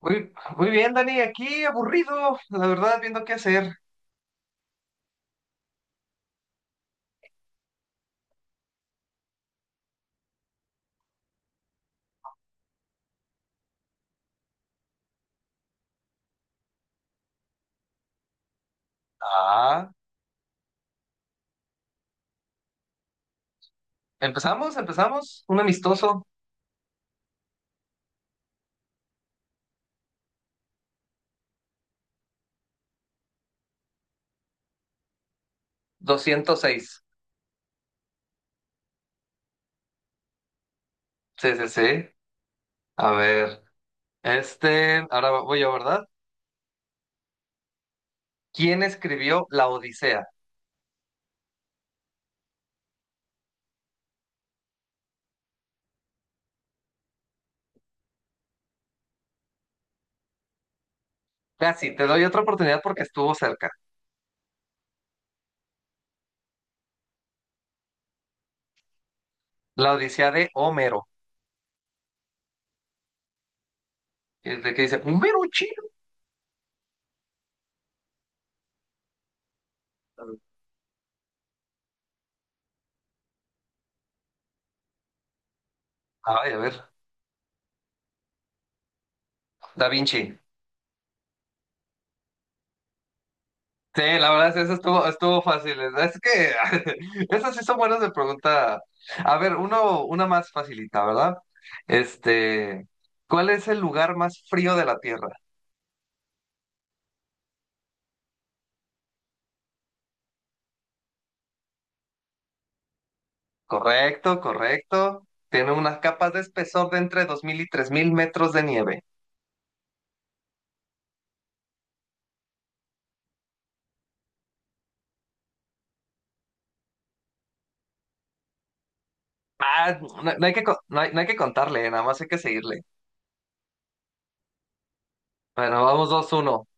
Muy, muy bien, Dani, aquí aburrido, la verdad, viendo qué hacer. Ah, empezamos, empezamos. Un amistoso, 206. Sí, sí, sí. A ver, este, ahora voy yo, ¿verdad? ¿Quién escribió La Odisea? Casi, te doy otra oportunidad porque estuvo cerca. La Odisea de Homero. ¿De qué dice? Homero chino. Ay, a ver, Da Vinci. Sí, la verdad es que eso estuvo fácil. Es que esas sí son buenas de pregunta. A ver, uno, una más facilita, ¿verdad? Este, ¿cuál es el lugar más frío de la Tierra? Correcto, correcto. Tiene unas capas de espesor de entre 2000 y 3000 metros de nieve. Ah, no, no hay que, co- no hay, no hay que contarle, nada más hay que seguirle. Bueno, vamos dos uno.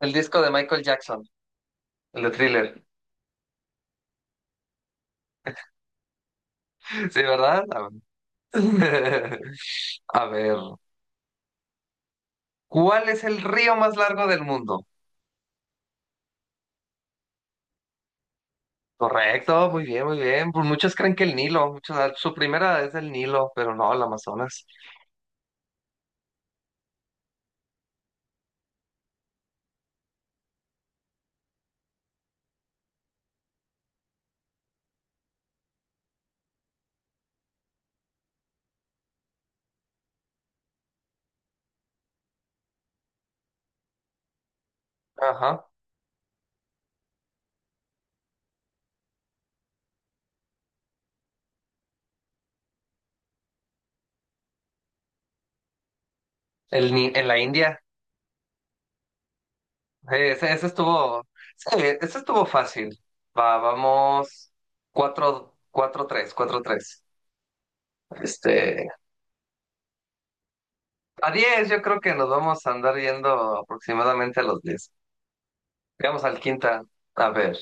El disco de Michael Jackson, el de Thriller. Sí, ¿verdad? A ver, a ver, ¿cuál es el río más largo del mundo? Correcto, muy bien, muy bien. Pues muchos creen que el Nilo, muchos, su primera es el Nilo, pero no, el Amazonas. Ajá. El, Ni- en la India. Ese estuvo, sí, ese estuvo fácil. Va, vamos, cuatro, cuatro, tres, cuatro, tres. Este, a diez, yo creo que nos vamos a andar yendo aproximadamente a los diez. Veamos al quinta. A ver.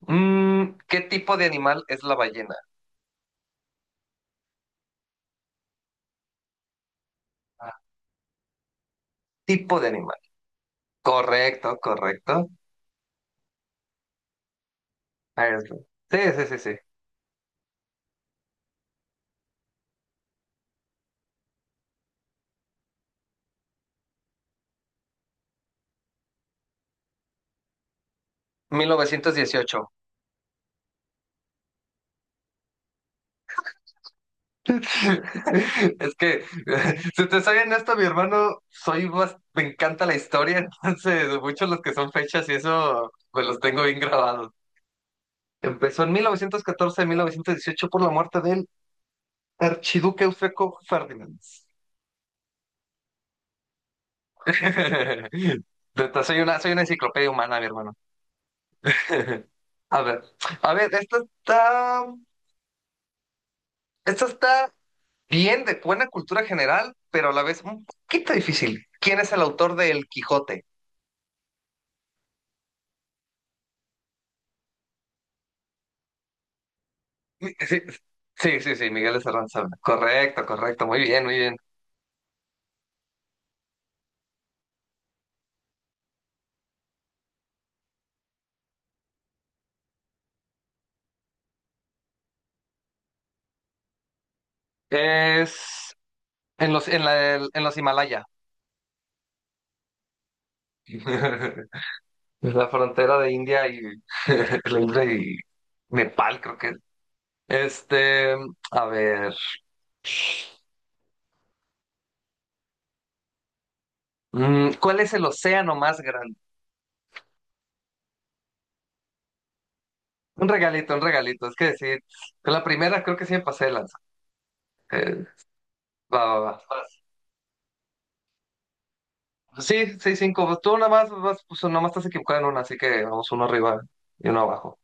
¿Qué tipo de animal es la ballena? Ah, tipo de animal. Correcto, correcto. Ahí está. Sí, sí, sí, sí. Mil novecientos dieciocho. Es que, si te soy honesto, mi hermano, me encanta la historia, entonces muchos los que son fechas y eso, pues los tengo bien grabados. Empezó en mil novecientos catorce 1918 por la muerte del archiduque Eufeco Ferdinand. Soy una enciclopedia humana, mi hermano. A ver, a ver, esta está bien, de buena cultura general, pero a la vez un poquito difícil. ¿Quién es el autor de El Quijote? Sí, sí, sí, sí, Miguel de Cervantes Saavedra. Correcto, correcto. Muy bien, muy bien. Es en los Himalaya. Es la frontera de India y, la India y Nepal, creo que es. Este, a ver, ¿cuál es el océano más grande? Un regalito, un regalito. Es que sí, con la primera creo que sí me pasé de lanza. Eh, va, va, va. Sí, seis cinco. Pues tú nada más, pues, nada más estás equivocado en una, así que vamos uno arriba y uno abajo.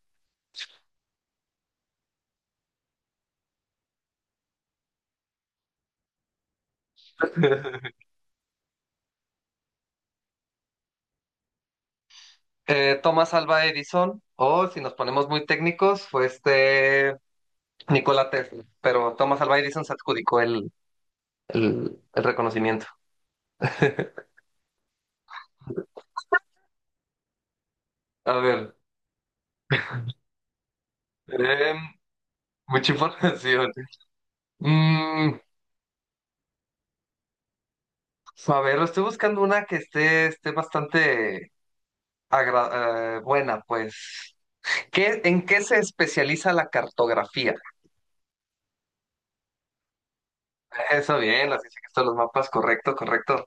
Thomas Alva Edison, o si nos ponemos muy técnicos, fue Nikola Tesla. Pero Thomas Alva Edison se adjudicó el, el reconocimiento. A ver, em, mucha información. Mm, a ver, estoy buscando una que esté bastante buena, pues. ¿En qué se especializa la cartografía? Eso bien, así sé que están los mapas, correcto, correcto.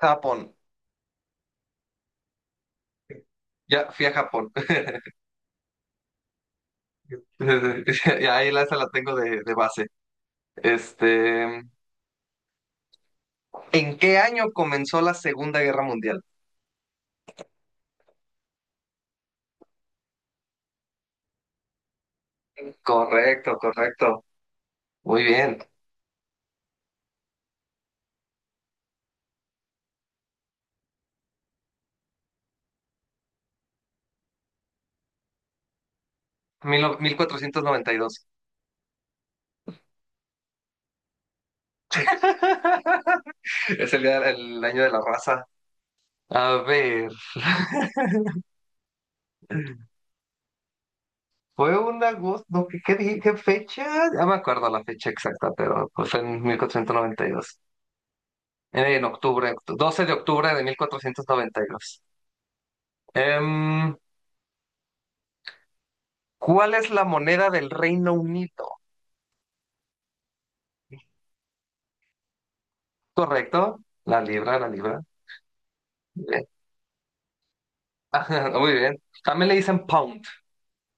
Japón. Ya fui a Japón. Y ahí la, esa la tengo de base. Este, ¿En qué año comenzó la Segunda Guerra Mundial? Correcto, correcto. Muy bien. Mil no- 1492. Es el día, el año de la raza. A ver, fue un agosto, no, ¿qué dije? ¿Qué fecha? Ya me acuerdo la fecha exacta, pero pues fue en 1492. En octubre, 12 de octubre de 1492. Em, ¿Cuál es la moneda del Reino Unido? ¿Correcto? La libra, la libra. Bien. Ajá, muy bien. También le dicen pound,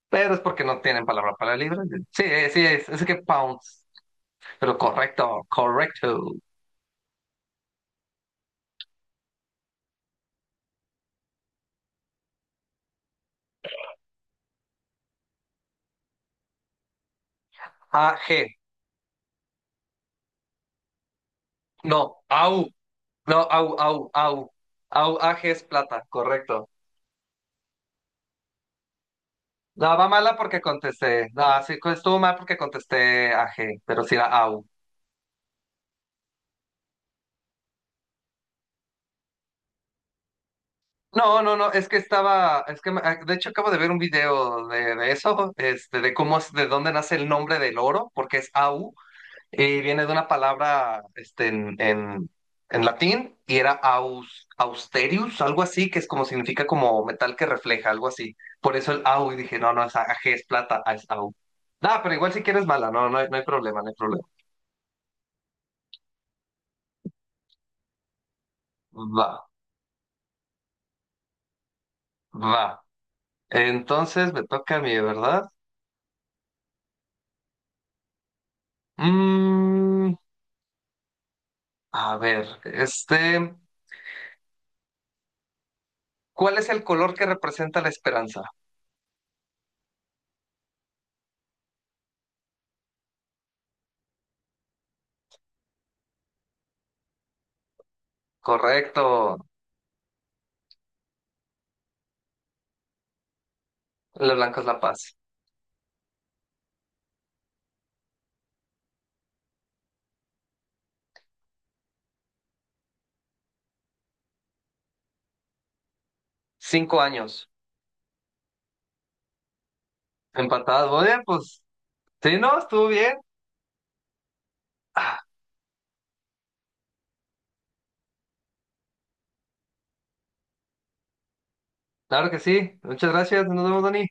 pero es porque no tienen palabra para la libra. Sí, sí, es que pounds. Pero correcto, correcto. A G No, AU. No, AU, AU, AU. AU, A G es plata, correcto. No, va mala porque contesté. No, sí, estuvo mal porque contesté A G pero sí era AU. No, no, no, es que estaba, es que ah, de hecho acabo de ver un video de eso, de cómo es, de dónde nace el nombre del oro, porque es au, y viene de una palabra, en latín, y era aus, austerius, algo así, que es como significa como metal que refleja, algo así. Por eso el au, y dije, no, no, es AG, es plata, ah, es au. Ah, pero igual si quieres mala, no, no, no hay problema, no hay problema. Va, va. Entonces me toca a mí, ¿verdad? Mm, a ver, este. ¿Cuál es el color que representa la esperanza? Correcto. La blanca es la paz. 5 años. Empatadas. Muy bien, pues. Sí, no, estuvo bien. Ah, claro que sí. Muchas gracias. Nos vemos, Dani.